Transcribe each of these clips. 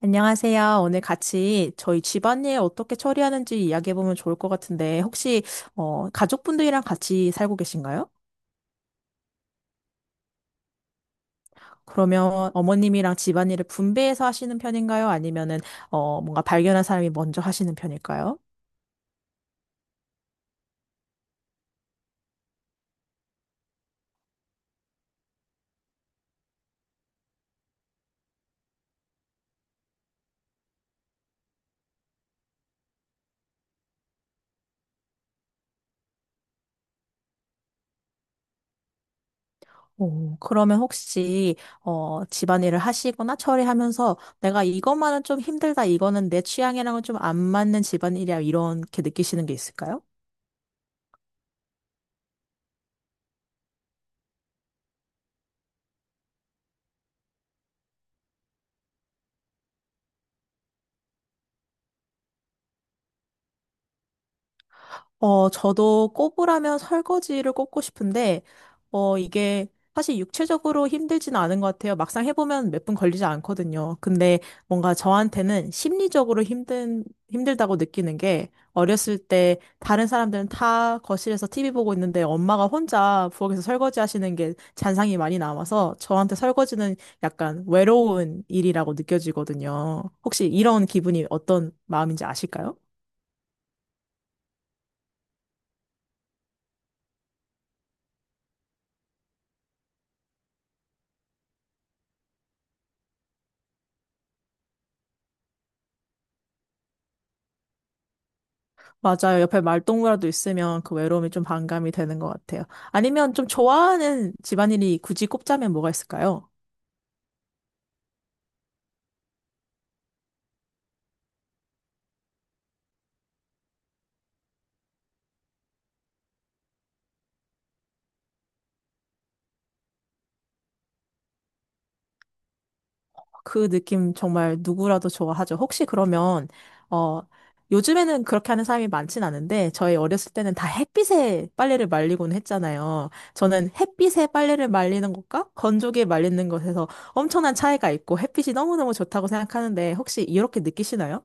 안녕하세요. 오늘 같이 저희 집안일 어떻게 처리하는지 이야기해보면 좋을 것 같은데, 가족분들이랑 같이 살고 계신가요? 그러면 어머님이랑 집안일을 분배해서 하시는 편인가요? 아니면은, 뭔가 발견한 사람이 먼저 하시는 편일까요? 오, 그러면 혹시, 집안일을 하시거나 처리하면서 내가 이것만은 좀 힘들다, 이거는 내 취향이랑은 좀 안 맞는 집안일이야, 이렇게 느끼시는 게 있을까요? 저도 꼽으라면 설거지를 꼽고 싶은데, 이게 사실 육체적으로 힘들지는 않은 것 같아요. 막상 해보면 몇 분 걸리지 않거든요. 근데 뭔가 저한테는 힘들다고 느끼는 게, 어렸을 때 다른 사람들은 다 거실에서 TV 보고 있는데 엄마가 혼자 부엌에서 설거지 하시는 게 잔상이 많이 남아서 저한테 설거지는 약간 외로운 일이라고 느껴지거든요. 혹시 이런 기분이 어떤 마음인지 아실까요? 맞아요. 옆에 말동무라도 있으면 그 외로움이 좀 반감이 되는 것 같아요. 아니면 좀 좋아하는 집안일이 굳이 꼽자면 뭐가 있을까요? 그 느낌 정말 누구라도 좋아하죠. 혹시 그러면, 어, 요즘에는 그렇게 하는 사람이 많진 않은데, 저희 어렸을 때는 다 햇빛에 빨래를 말리곤 했잖아요. 저는 햇빛에 빨래를 말리는 것과 건조기에 말리는 것에서 엄청난 차이가 있고, 햇빛이 너무너무 좋다고 생각하는데, 혹시 이렇게 느끼시나요?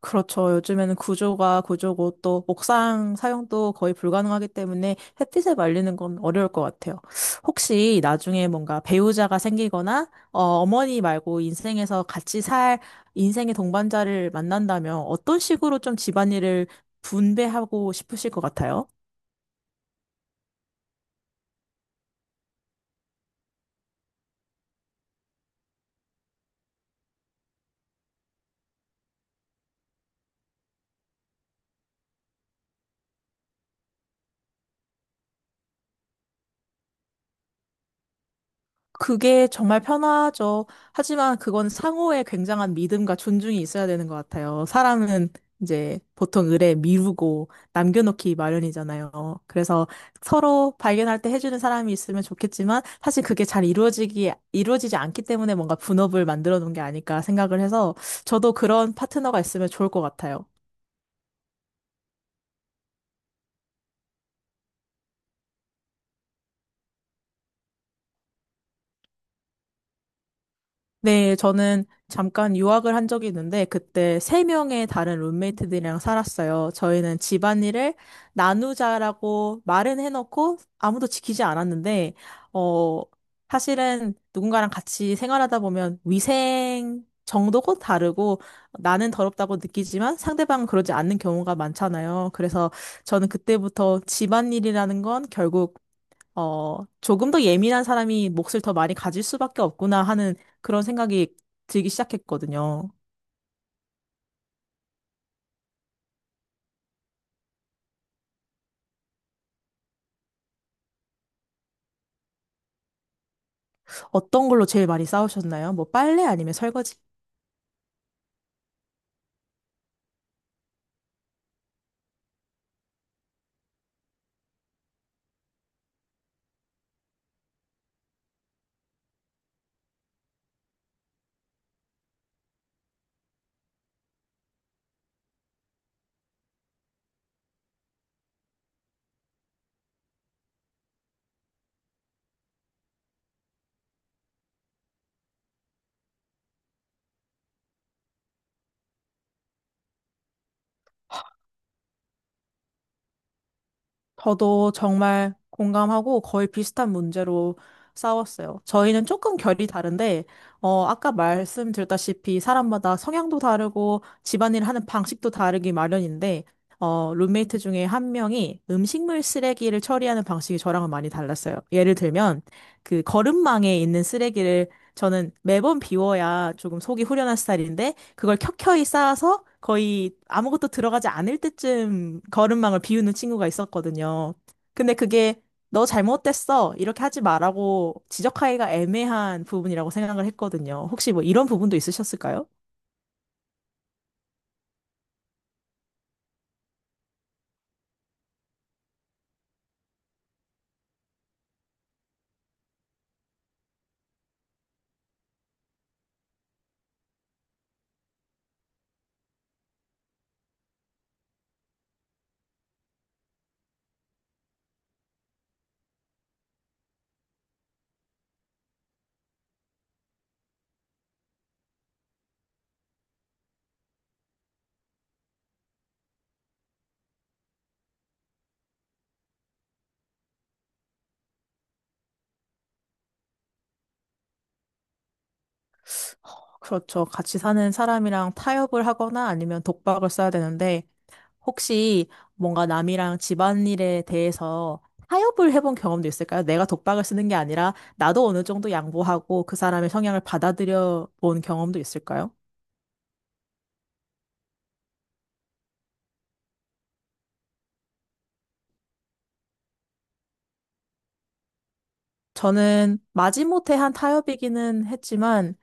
그렇죠. 요즘에는 구조가 구조고 또 옥상 사용도 거의 불가능하기 때문에 햇빛에 말리는 건 어려울 것 같아요. 혹시 나중에 뭔가 배우자가 생기거나 어머니 말고 인생에서 같이 살 인생의 동반자를 만난다면 어떤 식으로 좀 집안일을 분배하고 싶으실 것 같아요? 그게 정말 편하죠. 하지만 그건 상호의 굉장한 믿음과 존중이 있어야 되는 것 같아요. 사람은 이제 보통 의뢰 미루고 남겨놓기 마련이잖아요. 그래서 서로 발견할 때 해주는 사람이 있으면 좋겠지만 사실 그게 잘 이루어지지 않기 때문에 뭔가 분업을 만들어 놓은 게 아닐까 생각을 해서 저도 그런 파트너가 있으면 좋을 것 같아요. 네, 저는 잠깐 유학을 한 적이 있는데, 그때 세 명의 다른 룸메이트들이랑 살았어요. 저희는 집안일을 나누자라고 말은 해놓고 아무도 지키지 않았는데, 어, 사실은 누군가랑 같이 생활하다 보면 위생 정도고 다르고, 나는 더럽다고 느끼지만 상대방은 그러지 않는 경우가 많잖아요. 그래서 저는 그때부터 집안일이라는 건 결국 조금 더 예민한 사람이 몫을 더 많이 가질 수밖에 없구나 하는 그런 생각이 들기 시작했거든요. 어떤 걸로 제일 많이 싸우셨나요? 뭐 빨래 아니면 설거지? 저도 정말 공감하고 거의 비슷한 문제로 싸웠어요. 저희는 조금 결이 다른데, 아까 말씀드렸다시피 사람마다 성향도 다르고 집안일 하는 방식도 다르기 마련인데, 룸메이트 중에 한 명이 음식물 쓰레기를 처리하는 방식이 저랑은 많이 달랐어요. 예를 들면, 그 거름망에 있는 쓰레기를 저는 매번 비워야 조금 속이 후련한 스타일인데, 그걸 켜켜이 쌓아서 거의 아무것도 들어가지 않을 때쯤 걸음망을 비우는 친구가 있었거든요. 근데 그게 너 잘못됐어. 이렇게 하지 마라고 지적하기가 애매한 부분이라고 생각을 했거든요. 혹시 뭐 이런 부분도 있으셨을까요? 그렇죠. 같이 사는 사람이랑 타협을 하거나 아니면 독박을 써야 되는데 혹시 뭔가 남이랑 집안일에 대해서 타협을 해본 경험도 있을까요? 내가 독박을 쓰는 게 아니라 나도 어느 정도 양보하고 그 사람의 성향을 받아들여 본 경험도 있을까요? 저는 마지못해 한 타협이기는 했지만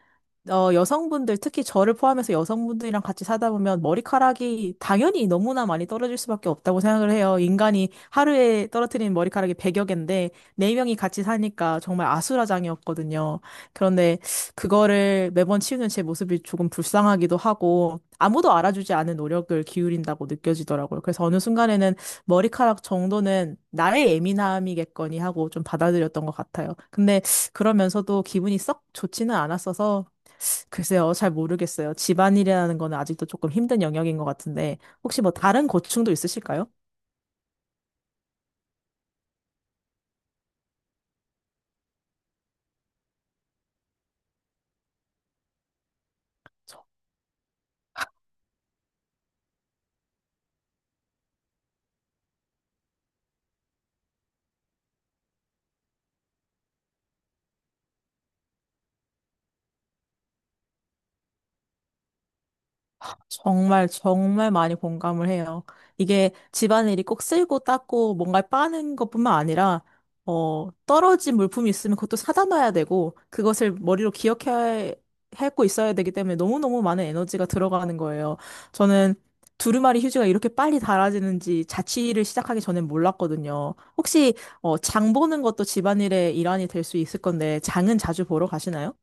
어, 여성분들, 특히 저를 포함해서 여성분들이랑 같이 사다 보면 머리카락이 당연히 너무나 많이 떨어질 수밖에 없다고 생각을 해요. 인간이 하루에 떨어뜨리는 머리카락이 100여 개인데, 네명이 같이 사니까 정말 아수라장이었거든요. 그런데 그거를 매번 치우는 제 모습이 조금 불쌍하기도 하고, 아무도 알아주지 않은 노력을 기울인다고 느껴지더라고요. 그래서 어느 순간에는 머리카락 정도는 나의 예민함이겠거니 하고 좀 받아들였던 것 같아요. 근데 그러면서도 기분이 썩 좋지는 않았어서 글쎄요, 잘 모르겠어요. 집안일이라는 거는 아직도 조금 힘든 영역인 것 같은데, 혹시 뭐 다른 고충도 있으실까요? 정말, 정말 많이 공감을 해요. 이게 집안일이 꼭 쓸고 닦고 뭔가 빠는 것뿐만 아니라, 떨어진 물품이 있으면 그것도 사다 놔야 되고, 하고 있어야 되기 때문에 너무너무 많은 에너지가 들어가는 거예요. 저는 두루마리 휴지가 이렇게 빨리 닳아지는지 자취를 시작하기 전엔 몰랐거든요. 장 보는 것도 집안일의 일환이 될 수 있을 건데, 장은 자주 보러 가시나요?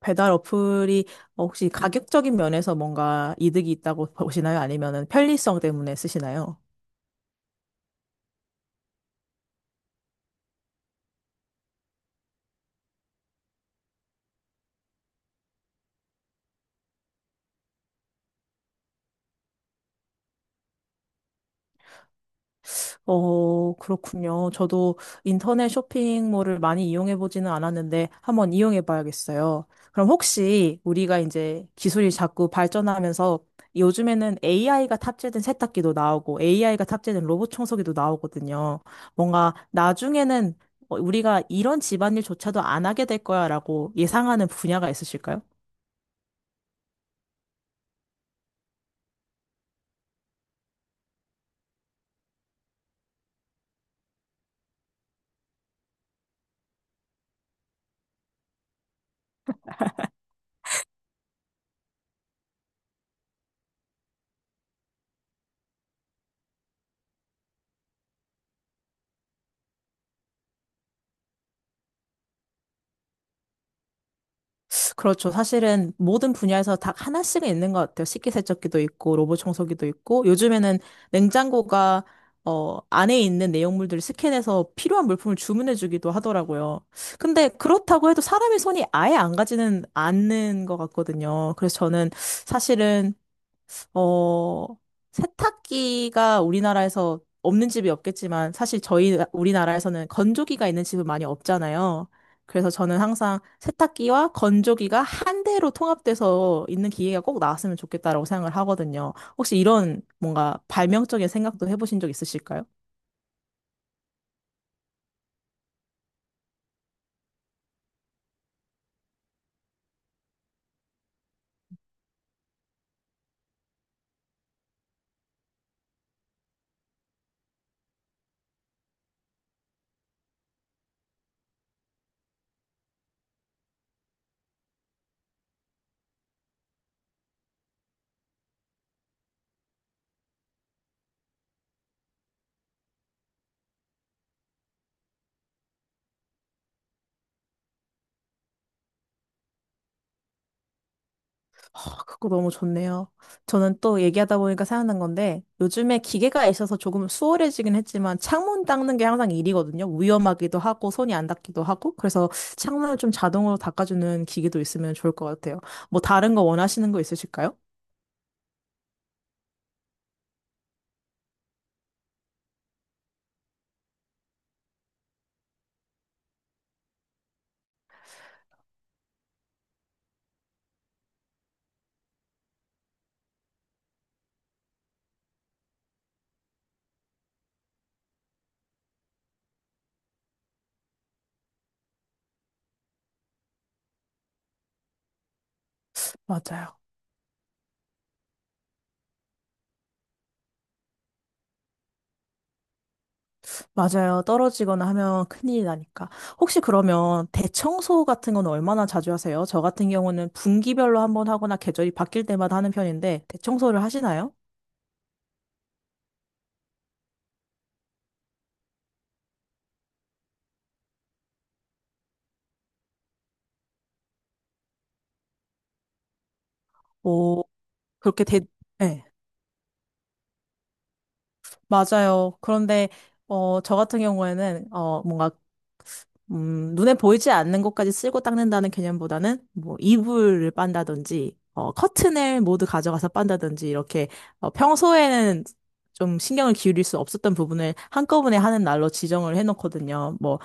배달 어플이 혹시 가격적인 면에서 뭔가 이득이 있다고 보시나요? 아니면은 편리성 때문에 쓰시나요? 어, 그렇군요. 저도 인터넷 쇼핑몰을 많이 이용해 보지는 않았는데 한번 이용해 봐야겠어요. 그럼 혹시 우리가 이제 기술이 자꾸 발전하면서 요즘에는 AI가 탑재된 세탁기도 나오고 AI가 탑재된 로봇 청소기도 나오거든요. 뭔가 나중에는 우리가 이런 집안일조차도 안 하게 될 거야라고 예상하는 분야가 있으실까요? 그렇죠. 사실은 모든 분야에서 다 하나씩은 있는 것 같아요. 식기세척기도 있고, 로봇 청소기도 있고, 요즘에는 냉장고가 안에 있는 내용물들을 스캔해서 필요한 물품을 주문해주기도 하더라고요. 근데 그렇다고 해도 사람의 손이 아예 안 가지는 않는 것 같거든요. 그래서 저는 사실은 어, 세탁기가 우리나라에서 없는 집이 없겠지만 사실 저희 우리나라에서는 건조기가 있는 집은 많이 없잖아요. 그래서 저는 항상 세탁기와 건조기가 한 대로 통합돼서 있는 기계가 꼭 나왔으면 좋겠다라고 생각을 하거든요. 혹시 이런 뭔가 발명적인 생각도 해보신 적 있으실까요? 아, 그거 너무 좋네요. 저는 또 얘기하다 보니까 생각난 건데, 요즘에 기계가 있어서 조금 수월해지긴 했지만, 창문 닦는 게 항상 일이거든요. 위험하기도 하고, 손이 안 닦기도 하고, 그래서 창문을 좀 자동으로 닦아주는 기계도 있으면 좋을 것 같아요. 뭐 다른 거 원하시는 거 있으실까요? 맞아요. 맞아요. 떨어지거나 하면 큰일이 나니까. 혹시 그러면 대청소 같은 건 얼마나 자주 하세요? 저 같은 경우는 분기별로 한 번 하거나 계절이 바뀔 때마다 하는 편인데, 대청소를 하시나요? 뭐, 그렇게 대, 네. 맞아요. 그런데 저 같은 경우에는, 눈에 보이지 않는 것까지 쓸고 닦는다는 개념보다는, 뭐, 이불을 빤다든지, 커튼을 모두 가져가서 빤다든지, 이렇게, 평소에는 좀 신경을 기울일 수 없었던 부분을 한꺼번에 하는 날로 지정을 해놓거든요. 뭐,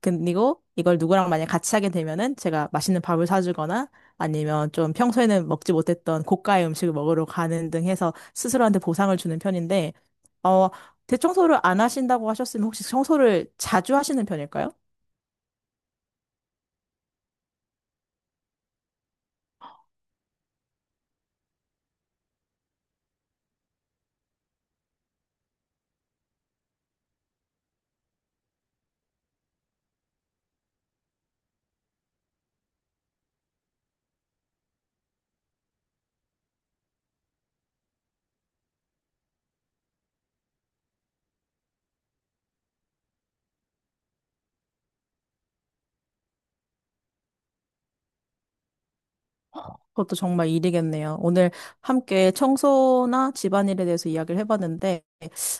그리고 이걸 누구랑 만약 같이 하게 되면은 제가 맛있는 밥을 사주거나 아니면 좀 평소에는 먹지 못했던 고가의 음식을 먹으러 가는 등 해서 스스로한테 보상을 주는 편인데, 어, 대청소를 안 하신다고 하셨으면 혹시 청소를 자주 하시는 편일까요? 그것도 정말 일이겠네요. 오늘 함께 청소나 집안일에 대해서 이야기를 해봤는데,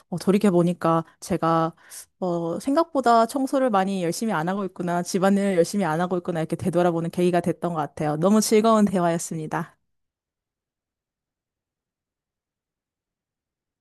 돌이켜 보니까 제가 생각보다 청소를 많이 열심히 안 하고 있구나, 집안일을 열심히 안 하고 있구나 이렇게 되돌아보는 계기가 됐던 것 같아요. 너무 즐거운 대화였습니다.